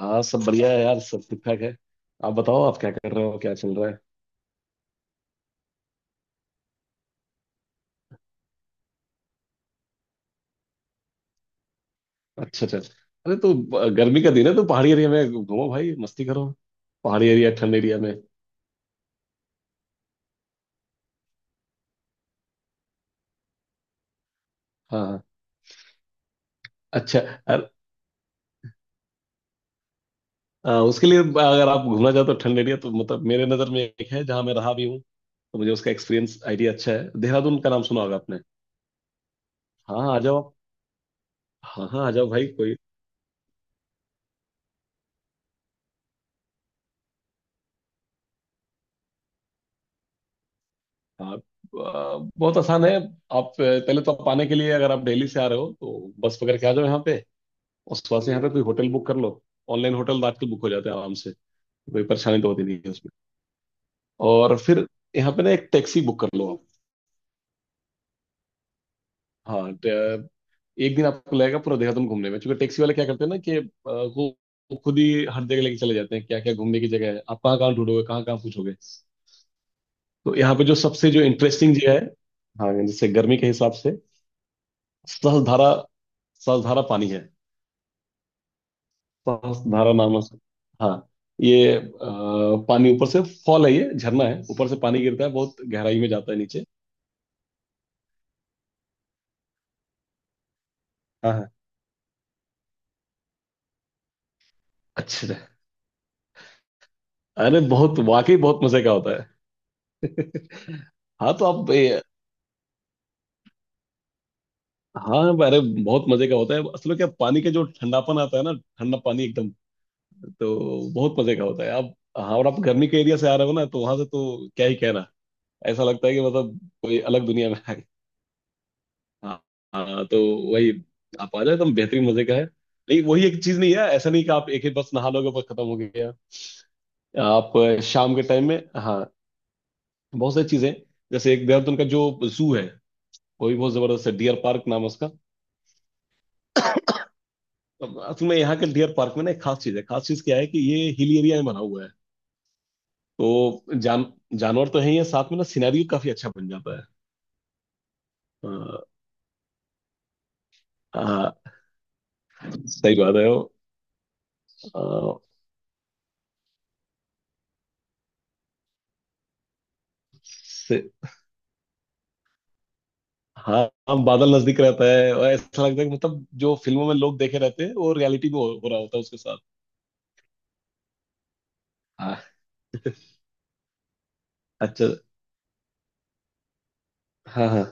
हाँ सब बढ़िया है यार, सब ठीक ठाक है। आप बताओ, आप क्या कर रहे हो, क्या चल रहा है? अच्छा अच्छा अच्छा। अरे तो गर्मी का दिन है, तो पहाड़ी एरिया में घूमो भाई, मस्ती करो। पहाड़ी एरिया, ठंड एरिया में। हाँ हाँ। अच्छा, उसके लिए अगर आप घूमना चाहते हो ठंड एरिया, तो मतलब मेरे नज़र में एक है जहाँ मैं रहा भी हूँ, तो मुझे उसका एक्सपीरियंस आइडिया अच्छा है। देहरादून का नाम सुना होगा आपने। हाँ हाँ, आ जाओ आप। हाँ हाँ, आ जाओ भाई कोई। आप बहुत आसान है आप। पहले तो आप आने के लिए, अगर आप दिल्ली से आ रहे हो तो बस पकड़ के आ जाओ यहाँ पे। उस वहां से यहाँ तक कोई होटल बुक कर लो। ऑनलाइन होटल आजकल बुक हो जाते हैं आराम से। कोई परेशानी तो होती नहीं है उसमें। और फिर यहाँ पे ना एक टैक्सी बुक कर लो आप। हाँ एक दिन आपको लगेगा पूरा देहरादून घूमने में, क्योंकि टैक्सी वाले क्या करते हैं ना, कि वो खुद ही हर जगह लेके चले जाते हैं, क्या क्या घूमने की जगह है, आप कहाँ कहाँ ढूंढोगे, कहाँ कहाँ पूछोगे। तो यहाँ पे जो सबसे जो इंटरेस्टिंग जगह है, हाँ जैसे गर्मी के हिसाब से, सहस्त्रधारा। सहस्त्रधारा पानी है। सांस धारा नाम है। हाँ, ये पानी ऊपर से फॉल है, ये झरना है, ऊपर से पानी गिरता है, बहुत गहराई में जाता है नीचे। हाँ हाँ, अच्छे से। अरे बहुत, वाकई बहुत मजे का होता है। हाँ तो आप हाँ, अरे बहुत मजे का होता है, असल में। क्या पानी का जो ठंडापन आता है ना, ठंडा पानी एकदम। तो बहुत मजे का होता है आप, हाँ, और आप गर्मी के एरिया से आ रहे हो ना, तो वहां से तो क्या ही कहना। ऐसा लगता है कि मतलब कोई अलग दुनिया में। हाँ हाँ, तो वही, आप आ जाए तो बेहतरीन मजे का है। लेकिन वही एक चीज नहीं है, ऐसा नहीं कि आप एक ही बस नहा लोगे, बस खत्म हो गया। आप शाम के टाइम में, हाँ, बहुत सारी चीजें हैं। जैसे एक देहरादून का जो जू है, वो भी बहुत जबरदस्त है, डियर पार्क नाम है उसका। अब असल में यहाँ के डियर पार्क में ना एक खास चीज है, खास चीज क्या है कि ये हिल एरिया में बना हुआ है, तो जान जानवर तो है ही है, साथ में ना सिनेरियो काफी अच्छा बन जाता है। अ, हाँ सही बात है। वो, हाँ हाँ, बादल नजदीक रहता है और ऐसा लगता है कि मतलब जो फिल्मों में लोग देखे रहते हैं वो रियलिटी में हो रहा होता है उसके साथ। हाँ, अच्छा, हाँ हाँ,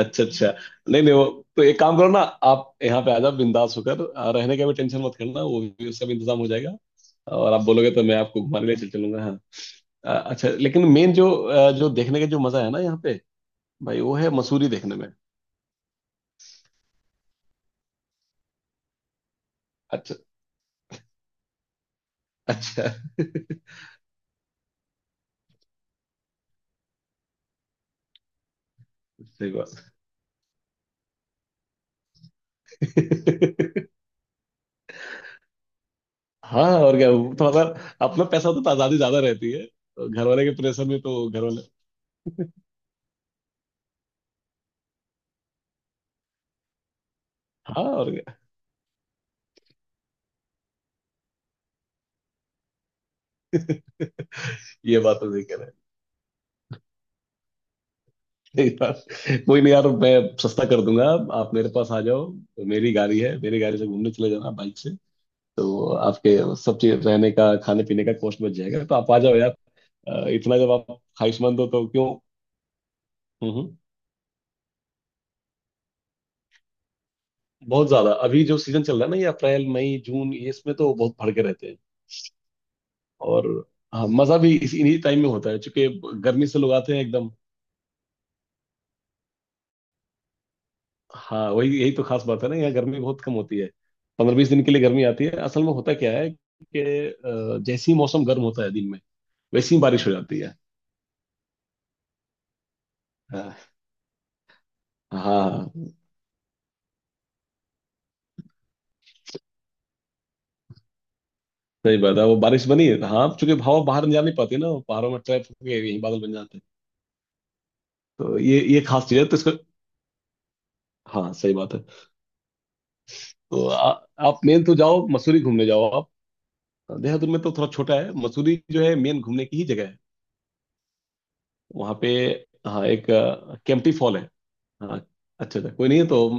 अच्छा अच्छा, नहीं नहीं। वो तो एक काम करो ना, आप यहाँ पे आ जाओ बिंदास होकर, रहने का भी टेंशन मत करना, वो भी उसका भी इंतजाम हो जाएगा। और आप बोलोगे तो मैं आपको घुमाने ले चल चलूंगा, हाँ। अच्छा लेकिन मेन जो, जो देखने का जो मजा है ना यहाँ पे, भाई वो है मसूरी देखने में। अच्छा अच्छा, सही बात। हाँ और क्या, वो तो मतलब अपना पैसा होता तो आजादी ज्यादा रहती है, तो घर वाले के प्रेशर में, तो घर वाले, हाँ और क्या। ये बात तो सही कह रहे हैं। यार, कोई नहीं यार, मैं सस्ता कर दूंगा। आप मेरे पास आ जाओ तो मेरी गाड़ी है, मेरी गाड़ी से घूमने चले जाना बाइक से, तो आपके सब चीज, रहने का, खाने पीने का कॉस्ट बच जाएगा, तो आप आ जाओ यार। इतना जब आप ख्वाहिशमंद हो तो क्यों। हम्म हम्म, बहुत ज्यादा। अभी जो सीजन चल रहा है ना, ये अप्रैल मई जून, ये इसमें तो बहुत भड़के रहते हैं। और हाँ, मजा भी इसी इन्हीं टाइम में होता है, क्योंकि गर्मी से लोग आते हैं एकदम। हाँ वही, यही तो खास बात है ना, यहाँ गर्मी बहुत कम होती है। 15-20 दिन के लिए गर्मी आती है, असल में होता क्या है कि जैसे ही मौसम गर्म होता है दिन में, वैसी ही बारिश हो जाती है। हाँ हाँ, सही बात है, वो बारिश बनी है। हाँ, चूंकि हवा बाहर नहीं जा, नहीं पाती ना, वो पहाड़ों में ट्रैप होके यही बादल बन जाते हैं। तो ये खास चीज है तो इसको, हाँ सही बात है। तो आप मेन तो जाओ मसूरी घूमने, जाओ आप। देहरादून में तो थोड़ा छोटा है, मसूरी जो है मेन घूमने की ही जगह है वहाँ पे। हाँ एक केम्प्टी फॉल है। हाँ, अच्छा अच्छा, कोई नहीं है तो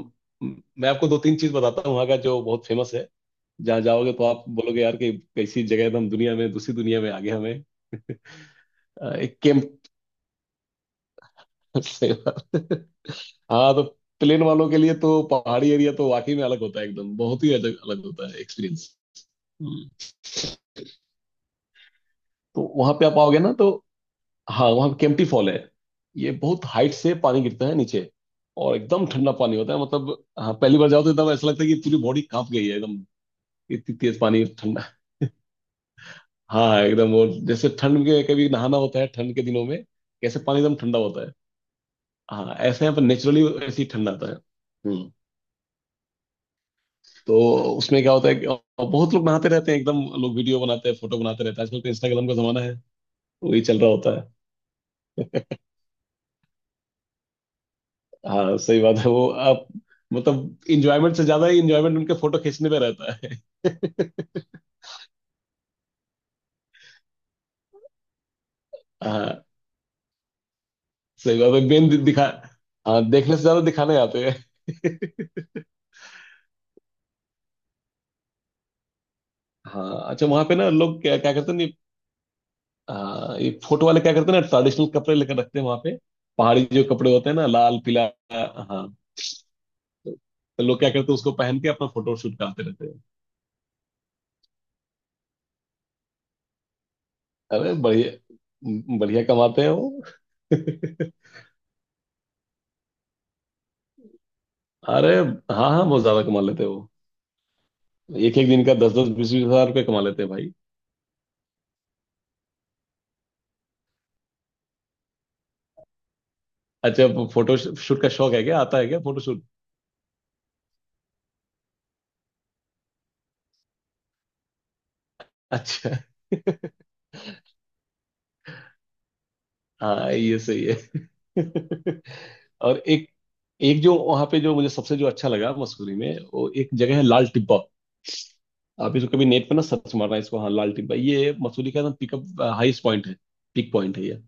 मैं आपको दो तीन चीज बताता हूँ वहाँ का, जो बहुत फेमस है। जहाँ जाओगे तो आप बोलोगे यार कि कैसी जगह है, हम दुनिया में, दूसरी दुनिया में आ गए हमें। एक कैंप, सही बात। हाँ तो प्लेन वालों के लिए तो पहाड़ी एरिया तो वाकई में अलग होता है एकदम, बहुत ही अलग अलग होता है एक्सपीरियंस। हम्म। तो वहां पे आप आओगे ना तो, हाँ वहाँ केम्प्टी फॉल है। ये बहुत हाइट से पानी गिरता है नीचे, और एकदम ठंडा पानी होता है। मतलब, हाँ पहली बार जाओ तो एकदम ऐसा लगता है कि पूरी बॉडी कांप गई है एकदम, इतनी तेज पानी ठंडा। हाँ एकदम, वो जैसे ठंड के कभी नहाना होता है ठंड के दिनों में, कैसे पानी एकदम ठंडा होता है। हाँ ऐसे यहाँ पर नेचुरली ऐसे ही ठंडा आता है। हम्म। तो उसमें क्या होता है कि बहुत लोग नहाते रहते हैं एकदम, लोग वीडियो बनाते हैं, फोटो बनाते रहते हैं। आजकल तो इंस्टाग्राम का जमाना है, वही चल रहा होता है। हाँ सही बात है, वो, आप मतलब इंजॉयमेंट से ज्यादा ही इंजॉयमेंट उनके फोटो खींचने पे रहता है। हाँ सही बात है, मेन दिखा, हाँ देखने से ज्यादा दिखाने आते हैं। हाँ, अच्छा, वहां पे ना लोग क्या क्या करते हैं। हाँ ये फोटो वाले क्या करते हैं ना, ट्रेडिशनल कपड़े लेकर रखते हैं वहां पे। पहाड़ी जो कपड़े होते हैं ना, लाल पीला, हाँ, तो लोग क्या करते हैं, उसको पहन के अपना फोटो शूट करते रहते हैं। अरे बढ़िया बढ़िया कमाते हैं वो। अरे, हाँ हाँ, बहुत ज्यादा कमा लेते हैं वो, एक एक दिन का 10-10, 20-20 हजार रुपये कमा लेते हैं भाई। अच्छा, अब फोटो शूट का शौक है क्या, आता है क्या फोटो शूट, अच्छा, हाँ ये सही है। और एक एक जो वहां पे, जो मुझे सबसे जो अच्छा लगा मसूरी में, वो एक जगह है लाल टिब्बा। आप इसको कभी नेट पे ना सर्च मारना, इसको। हाँ लाल टिब्बा, ये मसूरी का ना पिकअप हाईएस्ट पॉइंट है, पीक पॉइंट है ये।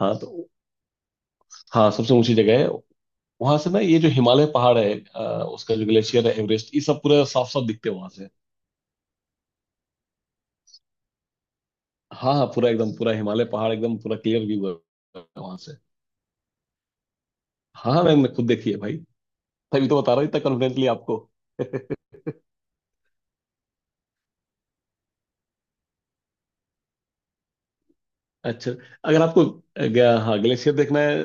हाँ तो, हाँ सबसे ऊंची जगह है। वहां से ना ये जो हिमालय पहाड़ है, उसका जो ग्लेशियर है, एवरेस्ट, ये सब पूरा साफ साफ दिखते हैं वहां से। हाँ हाँ, पूरा एकदम, पूरा हिमालय पहाड़ एकदम, पूरा क्लियर व्यू है वहां से। हाँ हाँ, मैंने खुद देखी है भाई, तभी तो बता रहा हूँ इतना कॉन्फिडेंटली आपको। अच्छा, अगर आपको हाँ ग्लेशियर देखना है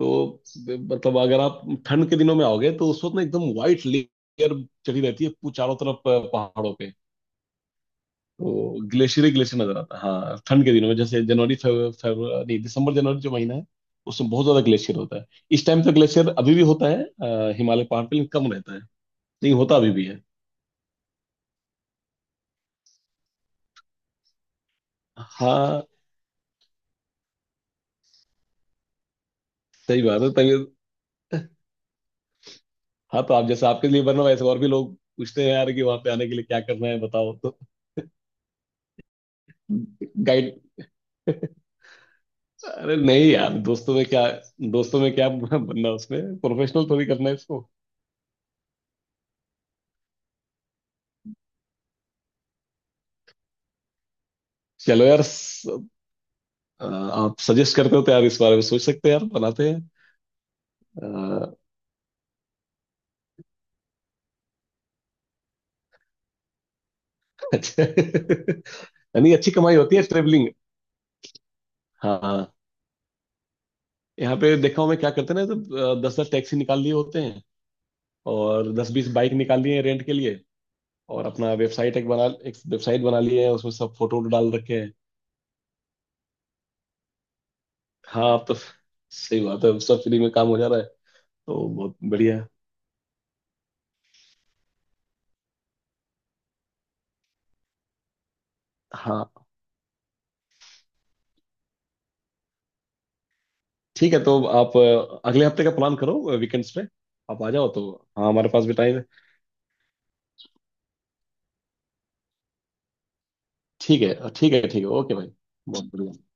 तो मतलब, अगर आप ठंड के दिनों में आओगे तो उस वक्त ना एकदम व्हाइट लेयर चढ़ी रहती है चारों तरफ पहाड़ों पे। तो ग्लेशियर ही ग्लेशियर नजर आता है। हाँ ठंड के दिनों में, जैसे जनवरी, नहीं, दिसंबर जनवरी जो महीना है, उसमें बहुत ज्यादा ग्लेशियर होता है। इस टाइम तो ग्लेशियर अभी भी होता है, हिमालय पहाड़ पे, लेकिन कम रहता है। नहीं होता, अभी भी है। हाँ सही बात है, तभी हाँ, तो आप जैसे, आपके लिए बना, वैसे और भी लोग पूछते हैं यार कि वहां पे आने के लिए क्या करना है बताओ, तो गाइड। अरे नहीं यार, दोस्तों में क्या, दोस्तों में क्या बनना, उसमें प्रोफेशनल थोड़ी करना है इसको। चलो यार आप सजेस्ट करते हो तो यार, इस बारे में सोच सकते हैं यार, बनाते हैं। अ, अच्छा, यानी अच्छी कमाई होती है ट्रेवलिंग। हाँ हाँ, यहाँ पे देखा हूँ मैं क्या करते हैं ना, तो 10-10 टैक्सी निकाल लिए होते हैं, और 10-20 बाइक निकाल लिए हैं रेंट के लिए, और अपना वेबसाइट एक बना, एक वेबसाइट बना लिए है, उसमें सब फोटो वोटो डाल रखे हैं। हाँ अब तो, सही बात है, अब सब फ्री में काम हो जा रहा है। तो बहुत बढ़िया। हाँ ठीक है, तो आप अगले हफ्ते का प्लान करो वीकेंड्स पे, आप आ जाओ तो, हाँ हमारे पास भी टाइम है। ठीक है ठीक है ठीक है, ओके भाई। बहुत बढ़िया।